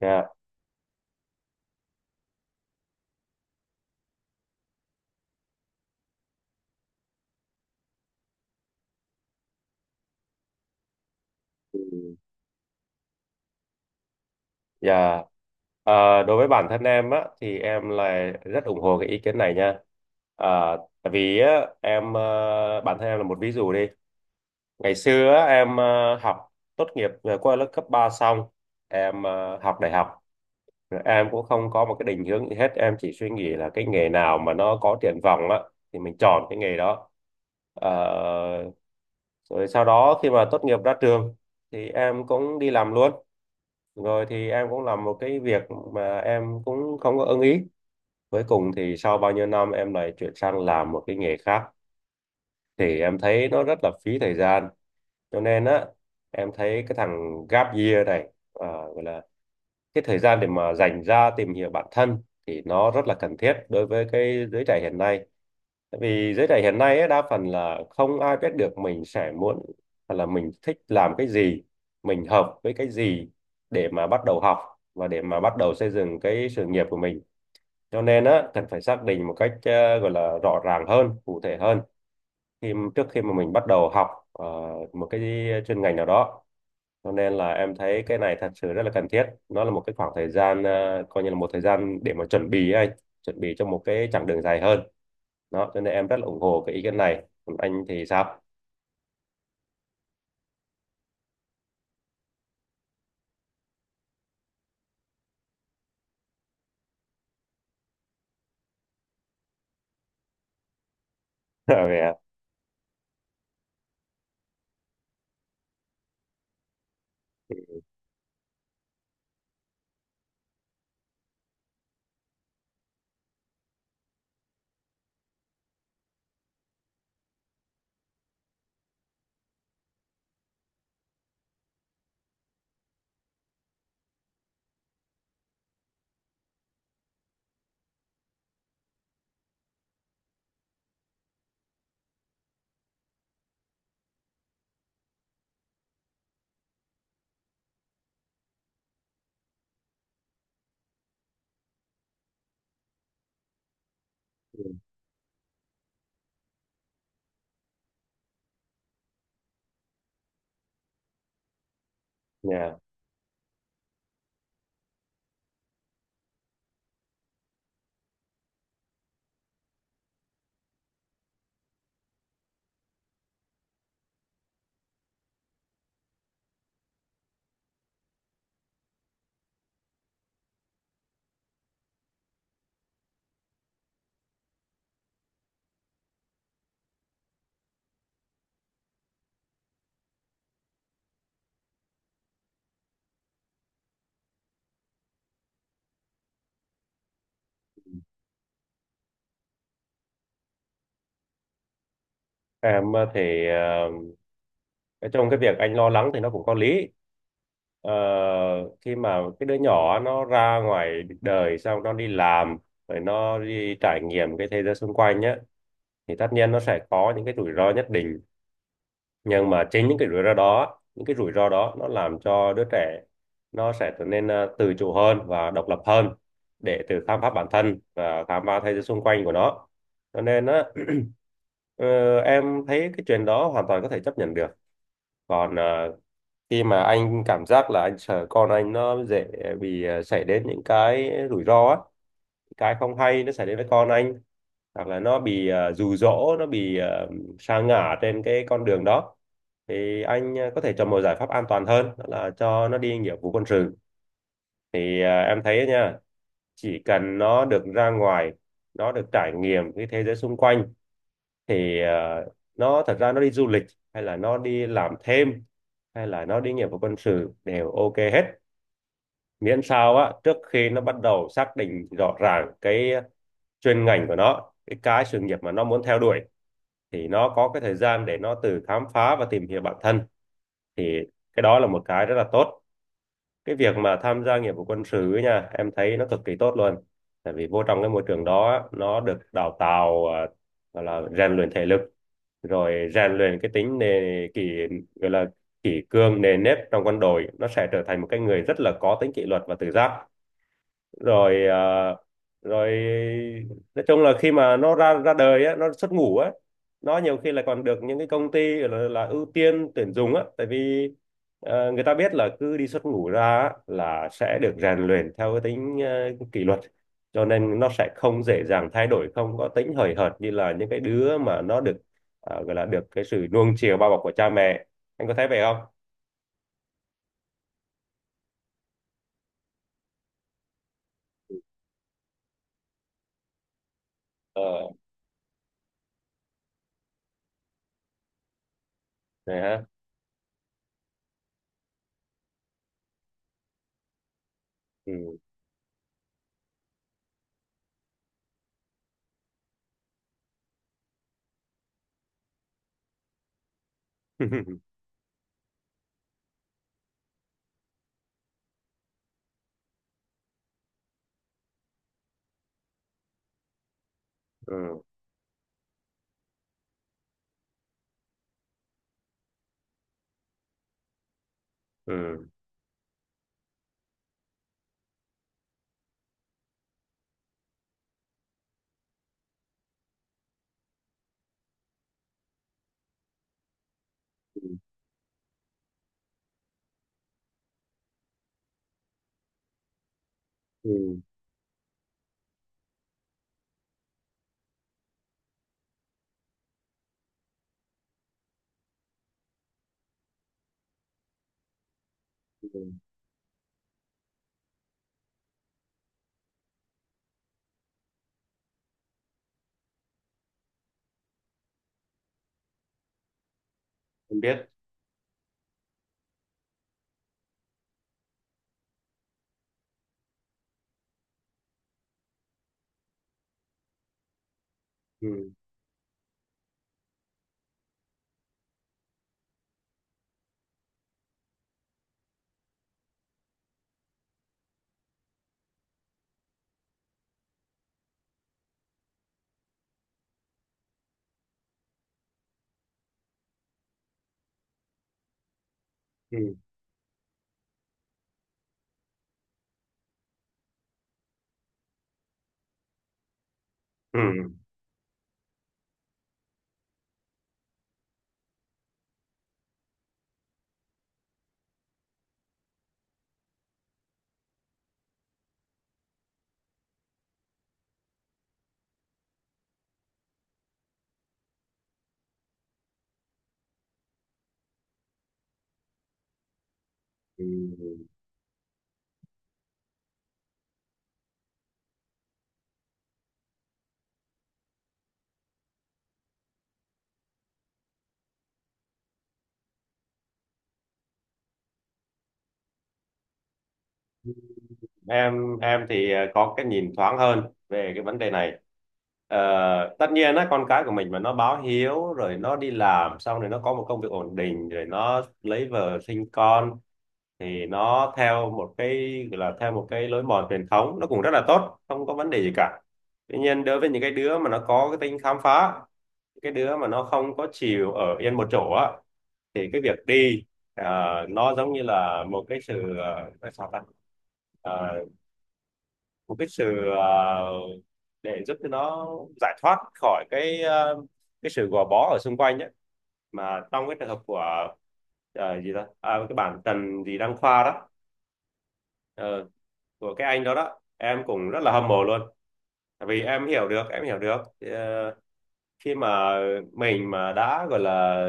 Dạ. Ừ. Dạ. Ờ, Đối với bản thân em á thì em là rất ủng hộ cái ý kiến này nha. Ờ, Tại vì á, bản thân em là một ví dụ đi. Ngày xưa á, học tốt nghiệp qua lớp cấp 3 xong, học đại học. Rồi em cũng không có một cái định hướng gì hết, em chỉ suy nghĩ là cái nghề nào mà nó có triển vọng á thì mình chọn cái nghề đó. Ờ, Rồi sau đó khi mà tốt nghiệp ra trường thì em cũng đi làm luôn, rồi thì em cũng làm một cái việc mà em cũng không có ưng ý. Cuối cùng thì sau bao nhiêu năm em lại chuyển sang làm một cái nghề khác, thì em thấy nó rất là phí thời gian. Cho nên á, em thấy cái thằng gap year này, à, gọi là cái thời gian để mà dành ra tìm hiểu bản thân thì nó rất là cần thiết đối với cái giới trẻ hiện nay. Tại vì giới trẻ hiện nay ấy, đa phần là không ai biết được mình sẽ muốn hoặc là mình thích làm cái gì, mình hợp với cái gì để mà bắt đầu học và để mà bắt đầu xây dựng cái sự nghiệp của mình. Cho nên á, cần phải xác định một cách gọi là rõ ràng hơn, cụ thể hơn khi trước khi mà mình bắt đầu học ờ, một cái chuyên ngành nào đó. Cho nên là em thấy cái này thật sự rất là cần thiết, nó là một cái khoảng thời gian, coi như là một thời gian để mà chuẩn bị ấy anh, chuẩn bị cho một cái chặng đường dài hơn đó. Cho nên em rất là ủng hộ cái ý kiến này, còn anh thì sao? Yeah. em ờ, thì ờ, Trong cái việc anh lo lắng thì nó cũng có lý. Ờ, Khi mà cái đứa nhỏ nó ra ngoài đời, xong nó đi làm rồi nó đi trải nghiệm cái thế giới xung quanh nhé, thì tất nhiên nó sẽ có những cái rủi ro nhất định. Nhưng mà chính những cái rủi ro đó, những cái rủi ro đó nó làm cho đứa trẻ nó sẽ trở nên tự chủ hơn và độc lập hơn, để tự khám phá bản thân và khám phá thế giới xung quanh của nó. Cho nên á, Ờ, em thấy cái chuyện đó hoàn toàn có thể chấp nhận được. Còn khi mà anh cảm giác là anh sợ con anh nó dễ bị xảy đến những cái rủi ro á, cái không hay nó xảy đến với con anh, hoặc là nó bị dụ dỗ, nó bị sa ngã trên cái con đường đó, thì anh có thể chọn một giải pháp an toàn hơn, đó là cho nó đi nghĩa vụ quân sự. Thì em thấy nha, chỉ cần nó được ra ngoài, nó được trải nghiệm cái thế giới xung quanh, thì nó thật ra nó đi du lịch hay là nó đi làm thêm hay là nó đi nghĩa vụ quân sự đều ok hết. Miễn sao á, trước khi nó bắt đầu xác định rõ ràng cái chuyên ngành của nó, cái sự nghiệp mà nó muốn theo đuổi, thì nó có cái thời gian để nó tự khám phá và tìm hiểu bản thân, thì cái đó là một cái rất là tốt. Cái việc mà tham gia nghĩa vụ quân sự ấy nha, em thấy nó cực kỳ tốt luôn. Tại vì vô trong cái môi trường đó á, nó được đào tạo, gọi là rèn luyện thể lực, rồi rèn luyện cái tính nề kỷ, gọi là kỷ cương nề nếp trong quân đội, nó sẽ trở thành một cái người rất là có tính kỷ luật và tự giác. rồi à, Rồi nói chung là khi mà nó ra ra đời á, nó xuất ngũ á, nó nhiều khi là còn được những cái công ty là ưu tiên tuyển dụng á. Tại vì người ta biết là cứ đi xuất ngũ ra á là sẽ được rèn luyện theo cái tính kỷ luật, cho nên nó sẽ không dễ dàng thay đổi, không có tính hời hợt như là những cái đứa mà nó được gọi là được cái sự nuông chiều bao bọc của cha mẹ. Anh có thấy vậy không? Ờ, này ha. Ừ. Ừ. Ừ. Ừ. Ừ. Em biết. Ừ. Ừ. Ừ. Ừ. Em thì có cái nhìn thoáng hơn về cái vấn đề này. Ờ, tất nhiên á, con cái của mình mà nó báo hiếu rồi nó đi làm xong rồi nó có một công việc ổn định rồi nó lấy vợ sinh con, thì nó theo một cái gọi là theo một cái lối mòn truyền thống, nó cũng rất là tốt, không có vấn đề gì cả. Tuy nhiên, đối với những cái đứa mà nó có cái tính khám phá, cái đứa mà nó không có chịu ở yên một chỗ á, thì cái việc đi ờ, nó giống như là một cái sự nói sao ta, Ờ, một cái sự để giúp cho nó giải thoát khỏi cái sự gò bó ở xung quanh ấy. Mà trong cái trường hợp của gì đó, cái bản Trần gì Đăng Khoa đó, ờ, của cái anh đó đó, em cũng rất là hâm mộ luôn. Tại vì em hiểu được, em hiểu được khi mà mình mà đã gọi là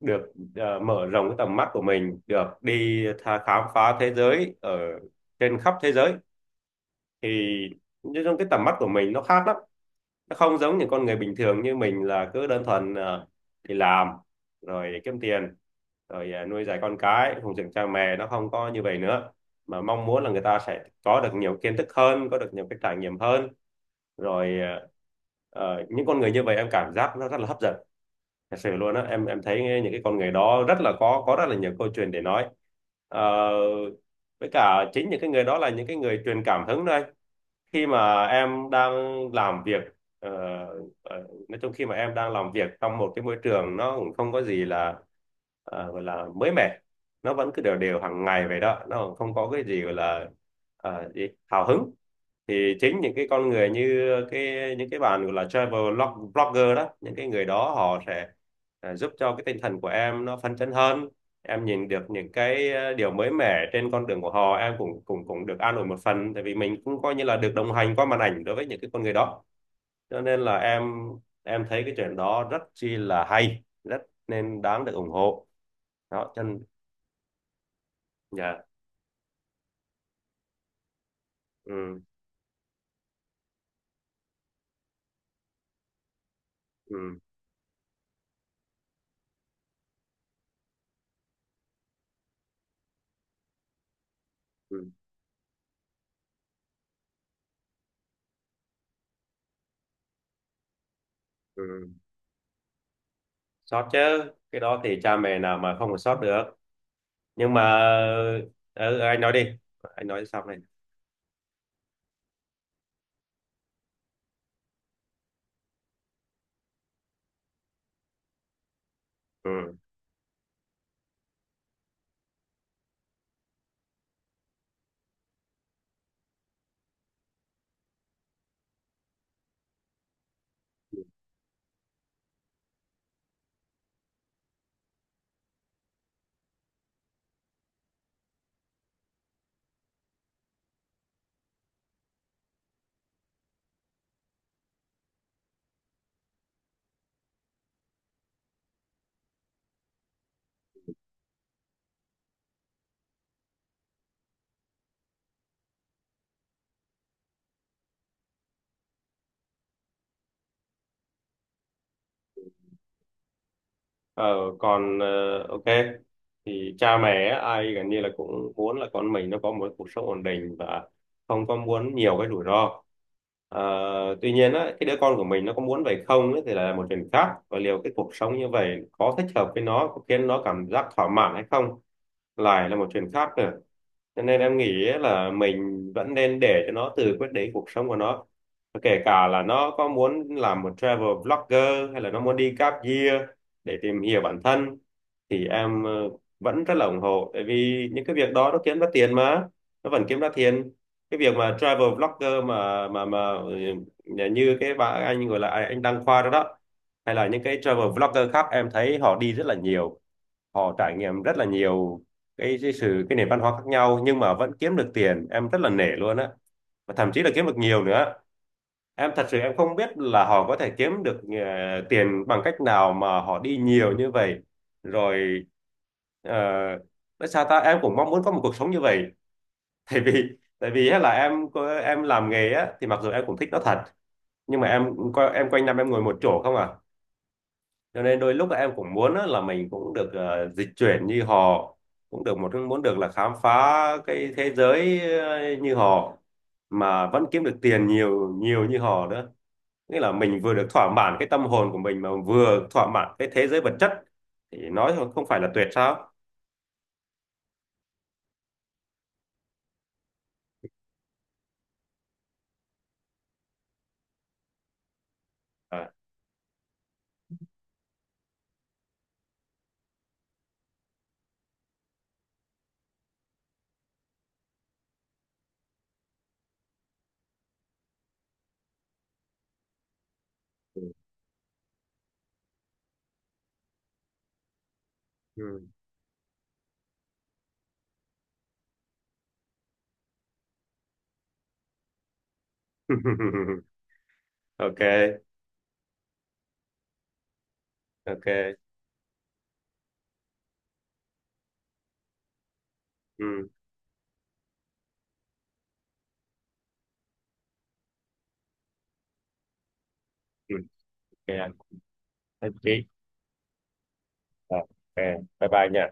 được mở rộng cái tầm mắt của mình, được đi tha khám phá thế giới ở trên khắp thế giới, thì nói chung cái tầm mắt của mình nó khác lắm. Nó không giống những con người bình thường như mình là cứ đơn thuần đi làm, rồi kiếm tiền, rồi nuôi dạy con cái, phụng dưỡng cha mẹ. Nó không có như vậy nữa, mà mong muốn là người ta sẽ có được nhiều kiến thức hơn, có được nhiều cái trải nghiệm hơn. rồi ờ, những con người như vậy em cảm giác nó rất là hấp dẫn. Thật sự luôn á, em thấy những cái con người đó rất là có rất là nhiều câu chuyện để nói. Ờ, với cả chính những cái người đó là những cái người truyền cảm hứng đây. Khi mà em đang làm việc, ờ, nói chung khi mà em đang làm việc trong một cái môi trường nó cũng không có gì là gọi là mới mẻ, nó vẫn cứ đều đều hàng ngày vậy đó, nó không có cái gì gọi là ờ, gì? Hào hứng, thì chính những cái con người như cái những cái bạn gọi là blogger đó, những cái người đó họ sẽ giúp cho cái tinh thần của em nó phấn chấn hơn. Em nhìn được những cái điều mới mẻ trên con đường của họ, em cũng cũng cũng được an ủi một phần, tại vì mình cũng coi như là được đồng hành qua màn ảnh đối với những cái con người đó. Cho nên là em thấy cái chuyện đó rất chi là hay, rất nên đáng được ủng hộ. Đó, chân. Dạ. Ừ. ừ, ừ, ừ. Sót chứ, cái đó thì cha mẹ nào mà không có sót được. Nhưng mà ừ, anh nói đi, anh nói xong này. Ừ. Ờ, còn ok, thì cha mẹ á, ai gần như là cũng muốn là con mình nó có một cuộc sống ổn định và không có muốn nhiều cái rủi ro. Ờ, tuy nhiên á, cái đứa con của mình nó có muốn vậy không ấy, thì là một chuyện khác, và liệu cái cuộc sống như vậy có thích hợp với nó, có khiến nó cảm giác thỏa mãn hay không lại là một chuyện khác nữa. Cho nên em nghĩ là mình vẫn nên để cho nó tự quyết định cuộc sống của nó. Và kể cả là nó có muốn làm một travel vlogger hay là nó muốn đi gap year để tìm hiểu bản thân, thì em vẫn rất là ủng hộ, tại vì những cái việc đó nó kiếm ra tiền mà, nó vẫn kiếm ra tiền. Cái việc mà travel vlogger mà mà ừ, như cái bà anh gọi là anh Đăng Khoa đó đó, hay là những cái travel vlogger khác, em thấy họ đi rất là nhiều, họ trải nghiệm rất là nhiều cái sự, cái nền văn hóa khác nhau, nhưng mà vẫn kiếm được tiền, em rất là nể luôn á, và thậm chí là kiếm được nhiều nữa. Em thật sự em không biết là họ có thể kiếm được tiền bằng cách nào mà họ đi nhiều như vậy. Rồi ờ, nói sao ta, em cũng mong muốn có một cuộc sống như vậy. Tại vì tại vì á là em làm nghề á thì mặc dù em cũng thích nó thật, nhưng mà em quanh năm em ngồi một chỗ không à. Cho nên đôi lúc em cũng muốn á, là mình cũng được dịch chuyển như họ, cũng được một muốn được là khám phá cái thế giới như họ, mà vẫn kiếm được tiền nhiều nhiều như họ nữa. Nghĩa là mình vừa được thỏa mãn cái tâm hồn của mình mà vừa thỏa mãn cái thế giới vật chất, thì nói thôi, không phải là tuyệt sao? À. Ừ. Ừ. Ok. Ok. Ừ. Ừ. Ok anh. Nhất trí. Ờ, ok, bye bye nha.